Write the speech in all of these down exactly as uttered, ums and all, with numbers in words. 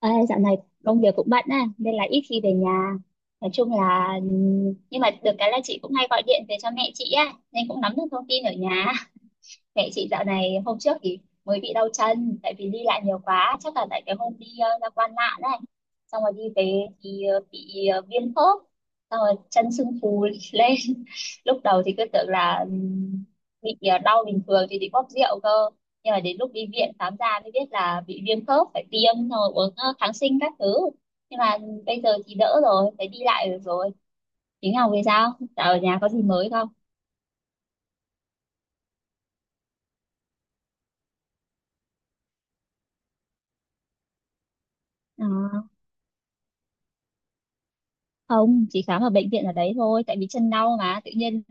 Ê, dạo này công việc cũng bận á nên là ít khi về nhà, nói chung là, nhưng mà được cái là chị cũng hay gọi điện về cho mẹ chị á nên cũng nắm được thông tin ở nhà. Mẹ chị dạo này hôm trước thì mới bị đau chân tại vì đi lại nhiều quá, chắc là tại cái hôm đi ờ, ra Quan Lạn này, xong rồi đi về thì ờ, bị ờ, viêm khớp, xong rồi chân sưng phù lên. Lúc đầu thì cứ tưởng là ừm, bị ờ, đau bình thường thì bị bóp rượu cơ, nhưng mà đến lúc đi viện khám ra mới biết là bị viêm khớp, phải tiêm xong rồi uống ờ, kháng sinh các thứ. Nhưng mà bây giờ thì đỡ rồi, phải đi lại được rồi. Tiếng Ngọc về sao, dạo ở nhà có gì mới không? À. Không, chỉ khám ở bệnh viện ở đấy thôi, tại vì chân đau mà tự nhiên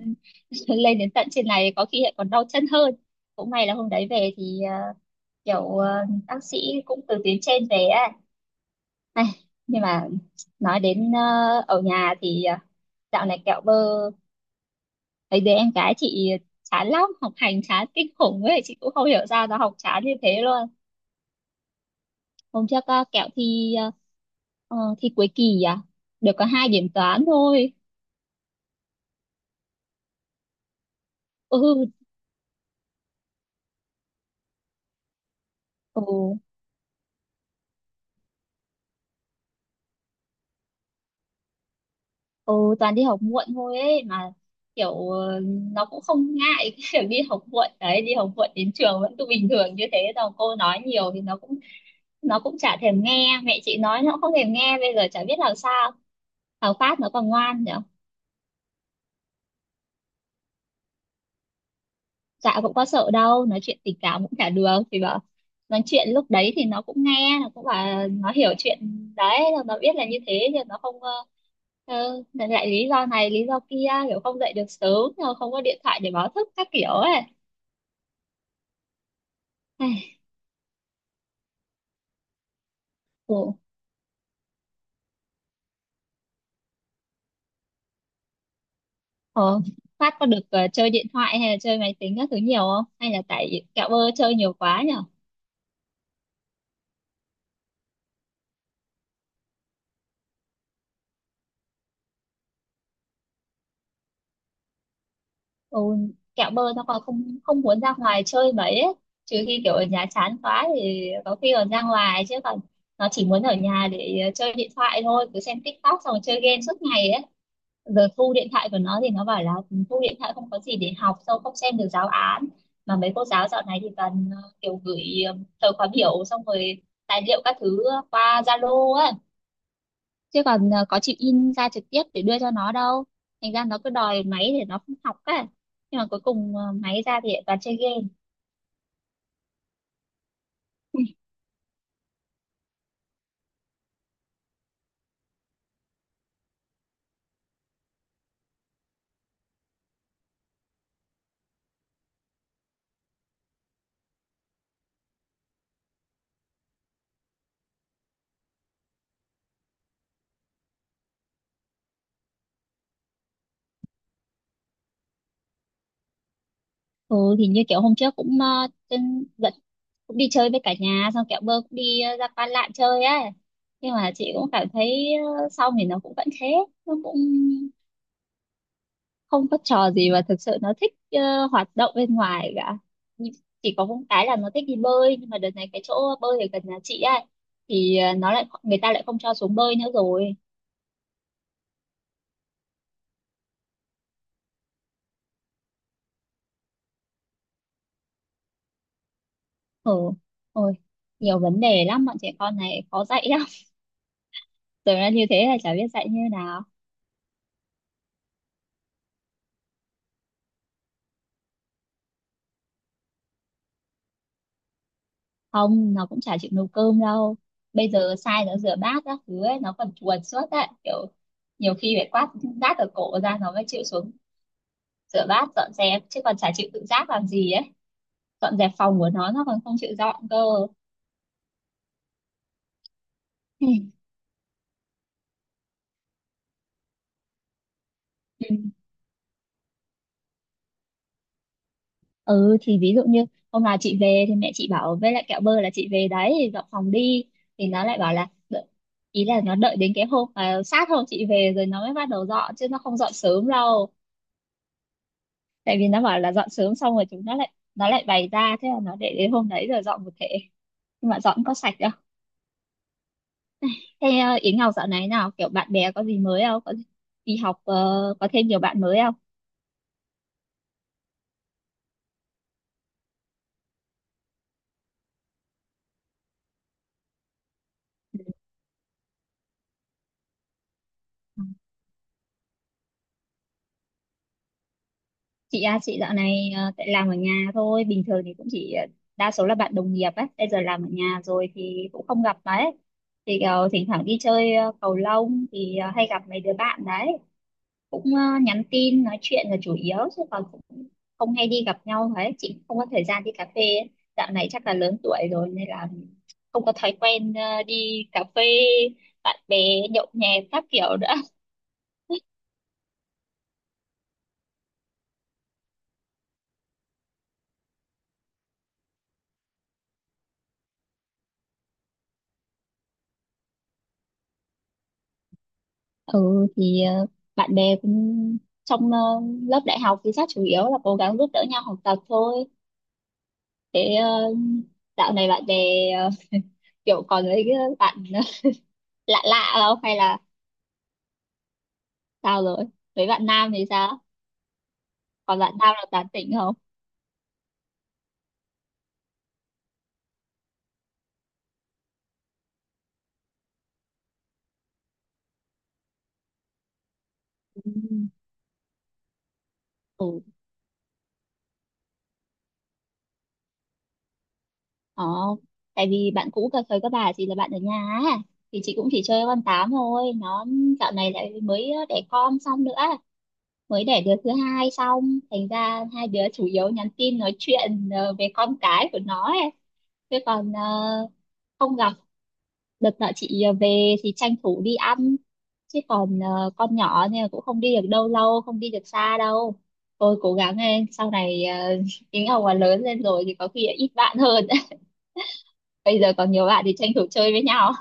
lên đến tận trên này có khi lại còn đau chân hơn. Cũng may là hôm đấy về thì ờ, kiểu ờ, bác sĩ cũng từ tuyến trên về á. Ai, nhưng mà nói đến ờ, ở nhà thì ờ, dạo này kẹo bơ thấy đứa em gái chị chán lắm, học hành chán kinh khủng ấy, chị cũng không hiểu sao nó học chán như thế luôn. Hôm trước ờ, kẹo thi ờ, ờ, thi cuối kỳ à, được có hai điểm toán thôi. Ừ. Ừ. Ừ, toàn đi học muộn thôi ấy mà, kiểu ờ, nó cũng không ngại cái việc đi học muộn đấy, đi học muộn đến trường vẫn cứ bình thường như thế đâu, cô nói nhiều thì nó cũng nó cũng chả thèm nghe, mẹ chị nói nó cũng không thèm nghe, bây giờ chả biết làm sao. Thằng Phát nó còn ngoan nhở. Dạ cũng có sợ đâu, nói chuyện tình cảm cũng chả được thì bảo, nói chuyện lúc đấy thì nó cũng nghe, nó cũng bảo nó hiểu chuyện đấy rồi, nó biết là như thế nhưng nó không ờ, Ừ, lại lý do này lý do kia, kiểu không dậy được sớm rồi không có điện thoại để báo thức các kiểu ấy. Ai, Ủa, ờ, Phát có được ờ, chơi điện thoại hay là chơi máy tính các thứ nhiều không? Hay là tại kẹo bơ chơi nhiều quá nhở? Ừ, kẹo bơ nó còn không không muốn ra ngoài chơi mấy ấy. Trừ khi kiểu ở nhà chán quá thì có khi còn ra ngoài, chứ còn nó chỉ muốn ở nhà để ờ, chơi điện thoại thôi, cứ xem TikTok xong rồi chơi game suốt ngày ấy. Rồi thu điện thoại của nó thì nó bảo là thu điện thoại không có gì để học, sao không xem được giáo án, mà mấy cô giáo dạo này thì toàn ờ, kiểu gửi ờ, thời khóa biểu xong rồi tài liệu các thứ qua Zalo á, chứ còn ờ, có chịu in ra trực tiếp để đưa cho nó đâu. Thành ra nó cứ đòi máy để nó không học á, nhưng mà cuối cùng ờ, máy ra thì lại toàn chơi game. Ừ thì như kiểu hôm trước cũng uh, trên dẫn cũng đi chơi với cả nhà, xong kẹo bơ cũng đi ờ, ra Pan Lạn chơi á, nhưng mà chị cũng cảm thấy ờ, xong thì nó cũng vẫn thế, nó cũng không có trò gì mà thực sự nó thích ờ, hoạt động bên ngoài cả. Nh- chỉ có một cái là nó thích đi bơi, nhưng mà đợt này cái chỗ bơi ở gần nhà chị á thì ờ, nó lại người ta lại không cho xuống bơi nữa rồi. Ừ. Ôi, nhiều vấn đề lắm, bọn trẻ con này khó dạy lắm. Tưởng là như thế là chả biết dạy như nào. Không, nó cũng chả chịu nấu cơm đâu, bây giờ sai nó rửa bát các thứ ấy, nó còn chuồn suốt đấy, kiểu nhiều khi phải quát rát ở cổ ra nó mới chịu xuống rửa bát dọn dẹp, chứ còn chả chịu tự giác làm gì ấy. Dọn dẹp phòng của nó nó còn không chịu dọn cơ. Ừ. Ừ, thì ví dụ như hôm nào chị về thì mẹ chị bảo với lại kẹo bơ là chị về đấy dọn phòng đi, thì nó lại bảo là đợi- ý là nó đợi đến cái hôm mà sát hôm chị về rồi nó mới bắt đầu dọn, chứ nó không dọn sớm đâu. Tại vì nó bảo là dọn sớm xong rồi chúng nó lại nó lại bày ra, thế là nó để đến hôm đấy rồi dọn một thể. Nhưng mà dọn có sạch đâu. Thế ờ, Yến Ngọc dạo này nào kiểu bạn bè có gì mới không, có đi học ờ, có thêm nhiều bạn mới không? Ừ. Chị à, chị dạo này ờ, tại làm ở nhà thôi, bình thường thì cũng chỉ ờ, đa số là bạn đồng nghiệp ấy, bây giờ làm ở nhà rồi thì cũng không gặp đấy, thì ờ, thỉnh thoảng đi chơi ờ, cầu lông thì ờ, hay gặp mấy đứa bạn đấy, cũng ờ, nhắn tin nói chuyện là chủ yếu, chứ còn cũng không hay đi gặp nhau đấy, chị cũng không có thời gian đi cà phê ấy. Dạo này chắc là lớn tuổi rồi nên là không có thói quen ờ, đi cà phê, bạn bè nhậu nhẹt các kiểu nữa. Ừ thì ờ, bạn bè cũng trong ờ, lớp đại học thì chắc chủ yếu là cố gắng giúp đỡ nhau học tập thôi. Thế ờ, dạo này bạn bè ờ, kiểu còn với cái bạn lạ lạ không, hay là sao rồi, với bạn nam thì sao, còn bạn nam là tán tỉnh không? Ừ. Ừ. Ờ, tại vì bạn cũ cà phê các bà chỉ là bạn ở nhà á. Thì chị cũng chỉ chơi con tám thôi, nó dạo này lại mới đẻ con xong nữa, mới đẻ đứa thứ hai xong, thành ra hai đứa chủ yếu nhắn tin nói chuyện ờ, về con cái của nó ấy. Chứ còn ờ, không gặp. Đợt nọ chị ờ, về thì tranh thủ đi ăn, chứ còn ờ, con nhỏ nên là cũng không đi được đâu lâu, không đi được xa đâu. Tôi cố gắng lên sau này ờ, tính ông mà lớn lên rồi thì có khi ít bạn hơn bây giờ còn nhiều bạn thì tranh thủ chơi với nhau.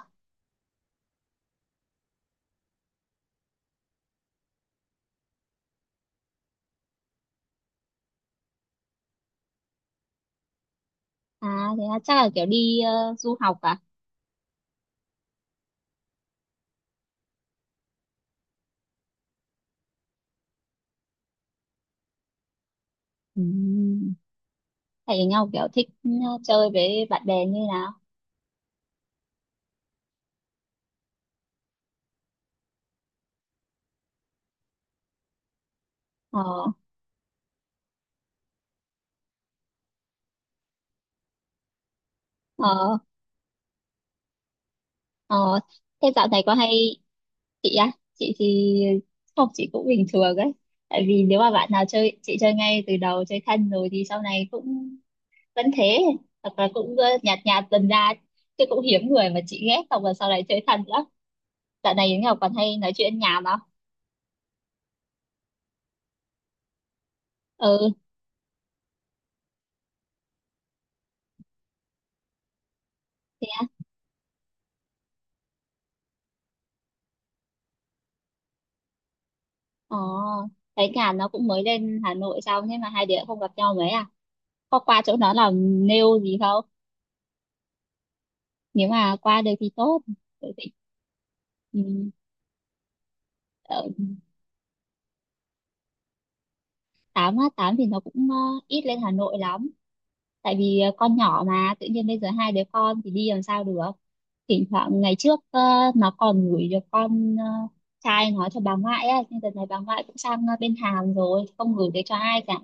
À, thế là chắc là kiểu đi ờ, du học à? Ừ. Thầy nhau kiểu thích ờ, chơi với bạn bè như nào? Ờ. Ờ. Ờ thế dạo này có hay, chị thì không, chị cũng bình thường ấy, tại vì nếu mà bạn nào chơi chị chơi ngay từ đầu chơi thân rồi thì sau này cũng vẫn thế, hoặc là cũng ờ, nhạt nhạt dần ra, chứ cũng hiếm người mà chị ghét không là sau này chơi thân lắm. Dạo này Yến Ngọc còn hay nói chuyện nhảm không? Ừ. Thế à? Ồ, thấy nhà nó cũng mới lên Hà Nội xong, thế mà hai đứa không gặp nhau mấy à? Có qua chỗ nó làm nail gì không? Nếu mà qua được thì tốt. Tại vì um, ở á, tám thì nó cũng ờ, ít lên Hà Nội lắm. Tại vì ờ, con nhỏ mà tự nhiên bây giờ hai đứa con thì đi làm sao được. Thỉnh thoảng ngày trước ờ, nó còn gửi được con ờ, trai nó cho bà ngoại á, nhưng đợt này bà ngoại cũng sang ờ, bên Hàn rồi, không gửi được cho ai cả.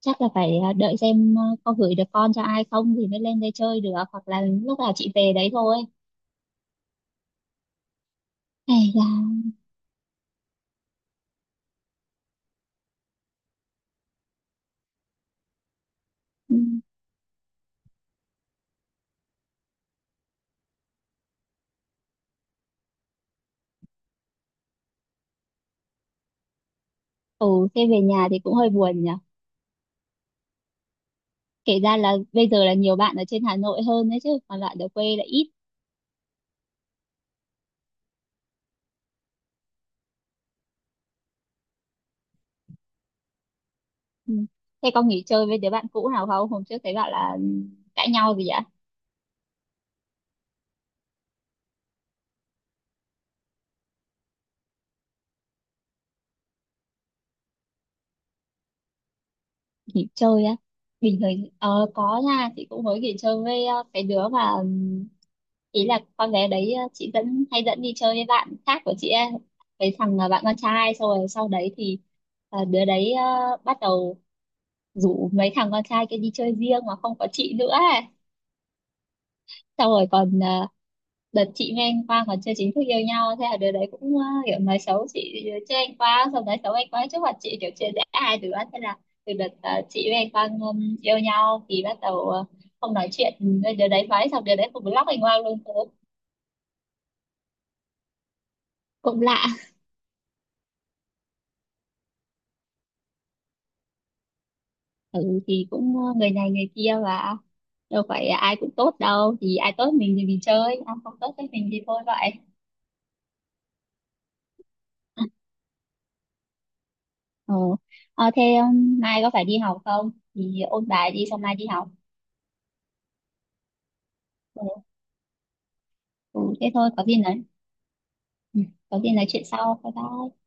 Chắc là phải à, đợi xem à, có gửi được con cho ai không thì mới lên đây chơi được, hoặc là lúc nào chị về đấy thôi. Hay là. Ừ. Ừ, thế về nhà thì cũng hơi buồn nhỉ, kể ra là bây giờ là nhiều bạn ở trên Hà Nội hơn đấy, chứ còn bạn ở quê là ít. Ừ. Thế con nghỉ chơi với đứa bạn cũ nào không, hôm trước thấy bạn là cãi nhau gì ạ? Nghỉ chơi á, bình thường ờ, có nha, chị cũng mới nghỉ chơi với ờ, cái đứa mà ừm, ý là con bé đấy ờ, chị dẫn hay dẫn đi chơi với bạn khác của chị ấy, cái thằng ờ, bạn con trai, xong rồi sau đấy thì ờ, đứa đấy ờ, bắt đầu rủ mấy thằng con trai kia đi chơi riêng mà không có chị nữa ấy. Xong rồi còn ờ, đợt chị với anh Quang còn chưa chính thức yêu nhau, thế là đứa đấy cũng ờ, kiểu nói xấu chị chứ anh Quang, xong nói xấu anh Quang trước mặt chị kiểu chia rẽ hai đứa. Thế là từ đợt ờ, chị với anh Quang ừm, yêu nhau thì bắt đầu ờ, không nói chuyện. Ừ, đứa đấy nói xong đứa đấy cũng block anh Quang luôn, cũng cũng lạ. Ừ, thì cũng ờ, người này người kia, và đâu phải ai cũng tốt đâu, thì ai tốt mình thì mình chơi, ai không tốt với mình thì thôi vậy. Ờ, ờ thế um, mai có phải đi học không thì ôn bài đi, xong mai đi học. Ừ, ừ, thế thôi có gì nói. Ừ. Có gì nói chuyện sau. Bye bye.